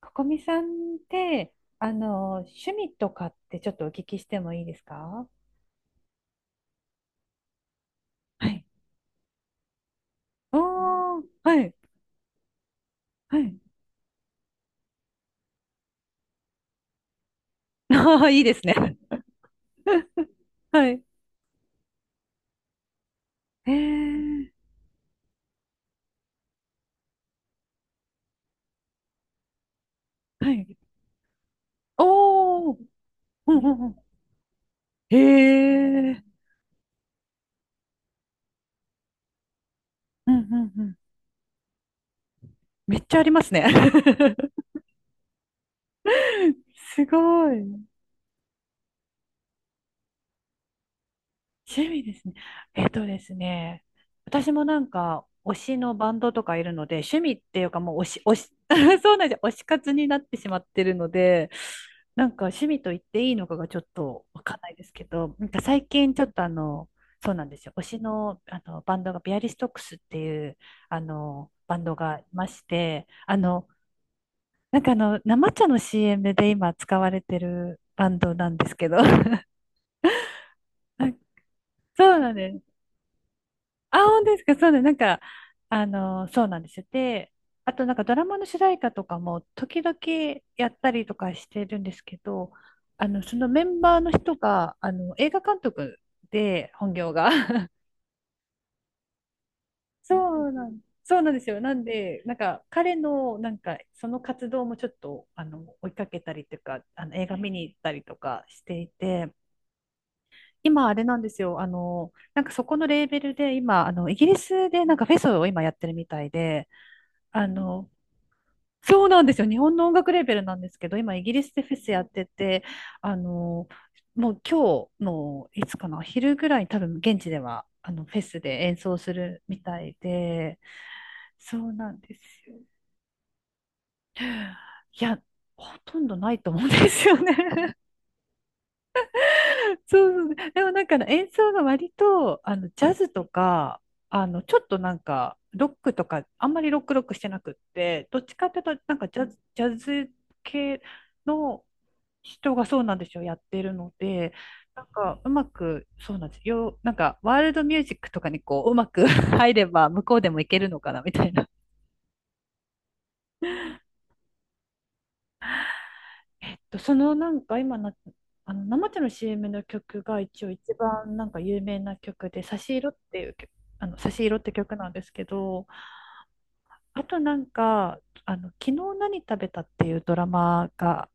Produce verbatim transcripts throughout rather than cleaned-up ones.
ここみさんって、あの、趣味とかってちょっとお聞きしてもいいですか。はい。おー、はい、はい。ああ、いいですね。はい。へえ、はい。おー、うんうんうん。へえ、うんうんうん。めっちゃありますね。すごい。趣味ですね。えっとですね、私もなんか推しのバンドとかいるので、趣味っていうかもう推し、推し、そうなんですよ。推し活になってしまってるので、なんか趣味と言っていいのかがちょっとわかんないですけど、なんか最近ちょっとあの、そうなんですよ。推しの、あのバンドがビアリストックスっていうあのバンドがいまして、あの、なんかあの、生茶の シーエム で今使われてるバンドなんですけど、そうなんです。あ、本当ですか。そうね。なんか、あの、そうなんですよ。で、あとなんかドラマの主題歌とかも時々やったりとかしてるんですけど、あの、そのメンバーの人が、あの、映画監督で、本業が。そうなん、そうなんですよ。なんで、なんか彼の、なんかその活動もちょっと、あの、追いかけたりとか、あの、映画見に行ったりとかしていて、今あれなんですよ。あの、なんかそこのレーベルで今、あの、イギリスでなんかフェスを今やってるみたいで、あの、そうなんですよ。日本の音楽レーベルなんですけど、今イギリスでフェスやってて、あの、もう今日のいつかな、昼ぐらいに多分現地ではあのフェスで演奏するみたいで、そうなんですよ。いや、ほとんどないと思うんですよね。そうそう。でもなんかあの演奏が割と、あの、ジャズとか、あの、ちょっとなんか、ロックとか、あんまりロックロックしてなくって、どっちかっていうと、なんかジャズ、ジャズ系の人がそうなんですよ、やってるので、なんか、うまく、そうなんですよ。なんか、ワールドミュージックとかにこう、うまく 入れば、向こうでもいけるのかな、みたいな。えっと、そのなんか今の、あの生茶の シーエム の曲が一応一番なんか有名な曲で「差し色」っていう曲、あの差し色って曲なんですけど、あとなんかあの「昨日何食べた」っていうドラマが、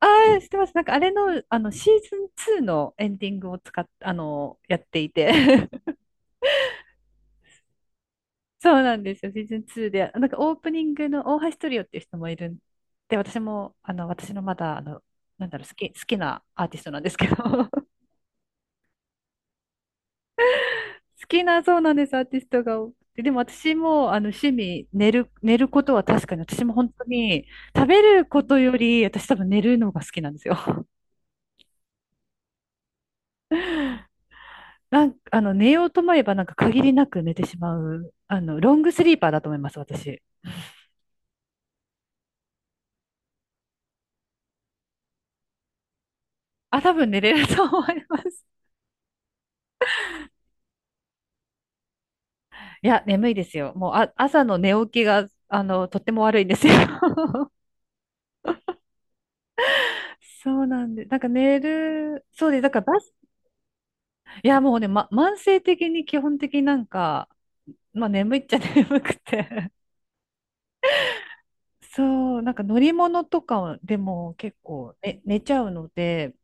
ああ知ってます、なんかあれの、あのシーズンツーのエンディングを使っあのやっていて。 そうなんですよ、シーズンツーでなんかオープニングの大橋トリオっていう人もいるんで、私もあの私のまだあのなんだろう好き、好きなアーティストなんですけど、好きな、そうなんです、アーティストが多くて。でも私も、あの、趣味、寝る、寝ることは確かに、私も本当に、食べることより、私多分寝るのが好きなんですよ。なんか、あの、寝ようと思えば、なんか限りなく寝てしまう、あの、ロングスリーパーだと思います、私。あ、多分寝れると思います。いや、眠いですよ。もう、あ、朝の寝起きが、あの、とっても悪いんですよ。そうなんで、なんか寝る、そうです。だからバス、いや、もうね、ま、慢性的に基本的になんか、まあ眠いっちゃ 眠くて。 そう、なんか乗り物とかでも結構、ね、寝ちゃうので、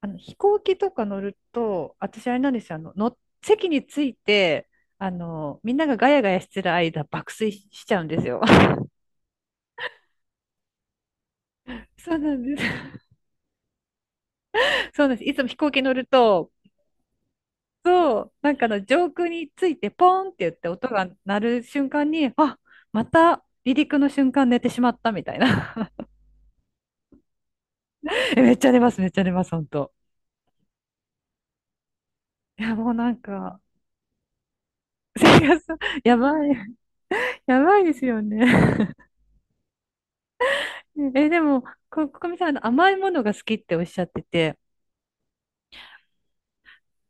あの飛行機とか乗ると、私あれなんですよ、あの、の席について、あの、みんながガヤガヤしてる間、爆睡しちゃうんですよ。そうなんです。そうなんです。いつも飛行機乗ると、そう、なんかあの上空についてポーンって言って音が鳴る瞬間に、あ、また離陸の瞬間寝てしまったみたいな。え、めっちゃ寝ます、めっちゃ寝ます、本当。いや、もうなんか、生活、やばい、やばいですよね。え、でも、こ、こみさん、あの甘いものが好きっておっしゃってて、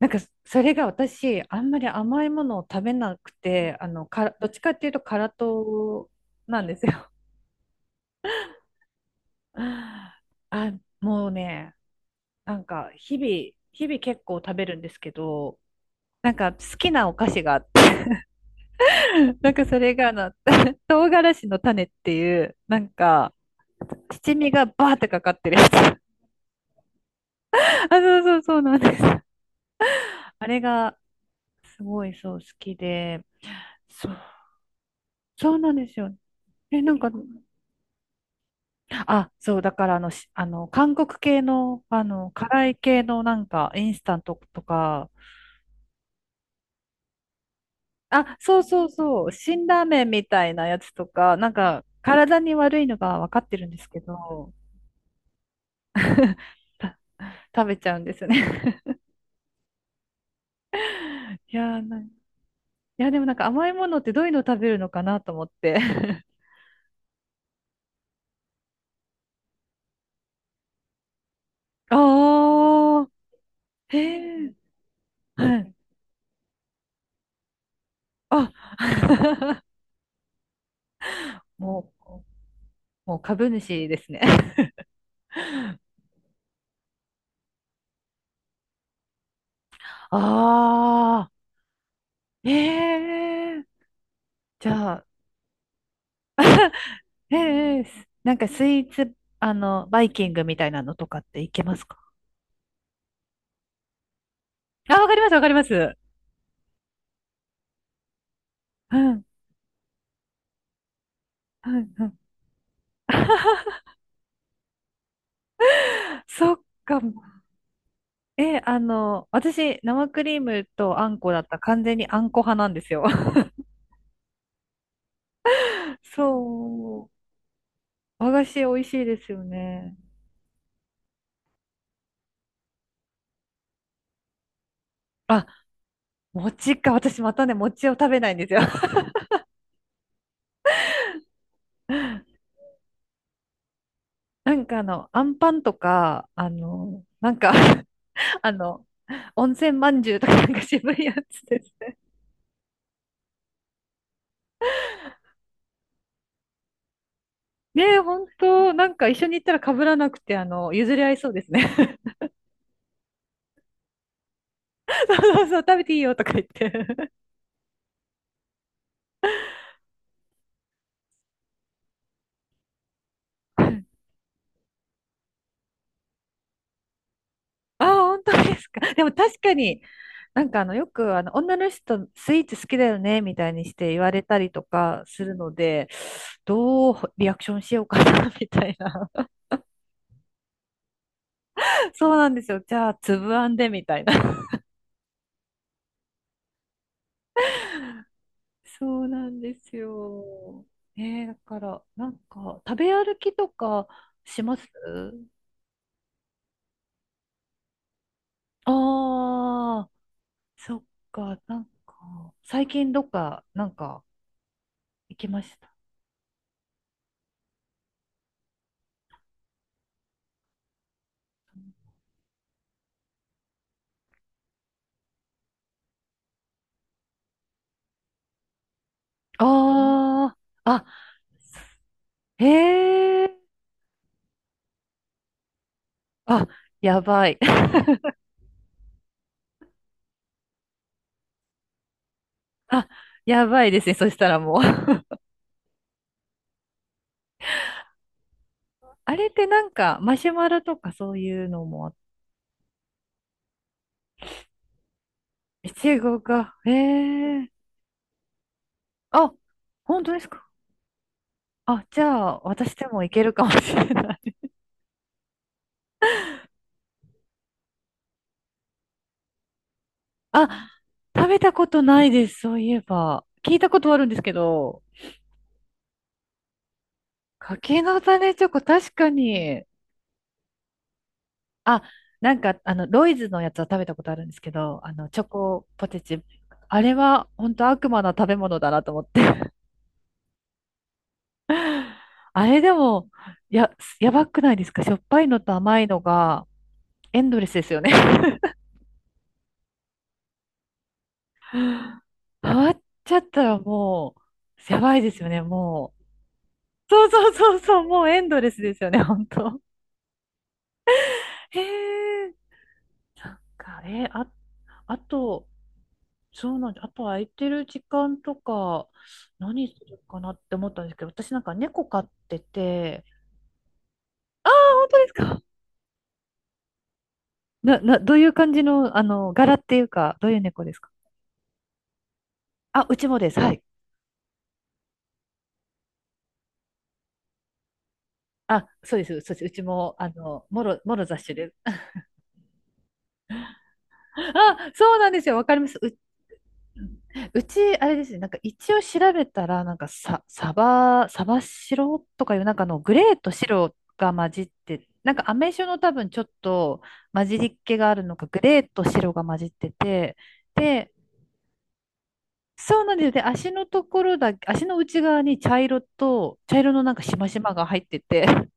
なんか、それが私、あんまり甘いものを食べなくて、あの、か、どっちかっていうと、辛党なんですよ。あ、もうね、なんか、日々、日々結構食べるんですけど、なんか好きなお菓子があって、なんかそれがあの、唐辛子の種っていう、なんか、七味がバーってかかってるやつ。あ、そうそうそうなんです。あれが、すごいそう好きで、そう、そうなんですよ。え、なんか、あ、そう、だからあの、しあの、韓国系の、あの、辛い系のなんか、インスタントとか、あ、そうそうそう。辛ラーメンみたいなやつとか、なんか体に悪いのが分かってるんですけど、食べちゃうんですよね。いやーな、いや、でもなんか甘いものってどういうの食べるのかなと思って。ああ、へえ、はい。あ、もう、もう株主ですね。ああ、へえ、じゃあ、へえ、なんかスイーツ、あの、バイキングみたいなのとかっていけますか。あ、わかります、わかります。うん、うん、うん。そっか。え、あの、私、生クリームとあんこだった。完全にあんこ派なんですよ。そう。和菓子美味しいですよね。あ、餅か。私またね、餅を食べないんですよ。なんかあの、あんパンとか、あの、なんか あの、温泉まんじゅうとかなんか渋いやつですね。ねえ、ほんと、なんか一緒に行ったら被らなくて、あの、譲り合いそうですね。そうそうそう、食べていいよとか言って。ああ、本当ですか。でも確かに、なんかあの、よくあの、女の人スイーツ好きだよね、みたいにして言われたりとかするので、どうリアクションしようかな、みたいな。そうなんですよ。じゃあ、つぶあんで、みたいな。そうなんですよ。ねえー、だから、なんか、食べ歩きとかしますああー、そっか、なんか、最近どっか、なんか、行きました。ああ、あ、へえ。あ、やばい。あ、やばいですね。そしたらもう。あれってなんか、マシュマロとかそういうのもあ、いちごが。へえ。あ、本当ですか。あ、じゃあ、私でもいけるかもしれない。あ、食べたことないです。そういえば。聞いたことはあるんですけど、柿の種チョコ、確かに。あ、なんか、あの、ロイズのやつは食べたことあるんですけど、あの、チョコポテチ。あれは、本当悪魔な食べ物だなと思って。あれでも、や、やばくないですか、しょっぱいのと甘いのがエンドレスですよね。変わっちゃったらもう、やばいですよね、もう。そうそうそうそう、もうエンドレスですよね、本当。へえ、なんか、えー、あ、あと、そうなんで、あと空いてる時間とか、何するかなって思ったんですけど、私なんか猫飼ってて、ああ、本当ですか。な、な、どういう感じの、あの、柄っていうか、どういう猫ですか。あ、うちもです。はい。あ、そうです、そうです。うちも、あの、もろ、もろ雑種です。あ、そうなんですよ。わかります。う、うち、あれですね。なんか一応調べたら、なんかササバ、サバ白とかいう、なんかあのグレーと白が混じって、なんかアメ酒の多分ちょっと混じりっ気があるのか、グレーと白が混じってて、で、そうなんですよ。で、足のところだ足の内側に茶色と、茶色のなんかしましまが入ってて、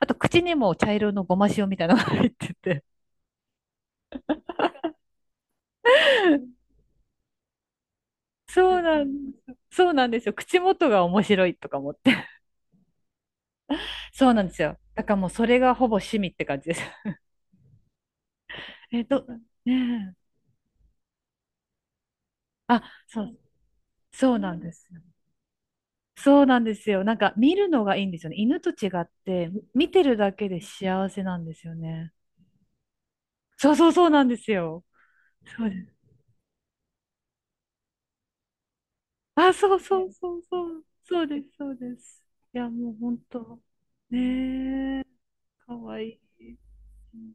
あと口にも茶色のごま塩みたいなのが入ってて、そうなんです。そうなんですよ。口元が面白いとか思って。そうなんですよ。だからもうそれがほぼ趣味って感じです。えっと、ねえ。あ、そう、そうなんですよ。そうなんですよ。なんか見るのがいいんですよね。犬と違って、見てるだけで幸せなんですよね。そうそうそうなんですよ。そうです。あ、そうそうそうそう。そうです、そうです。いや、もう本当、ね、かわいい。うん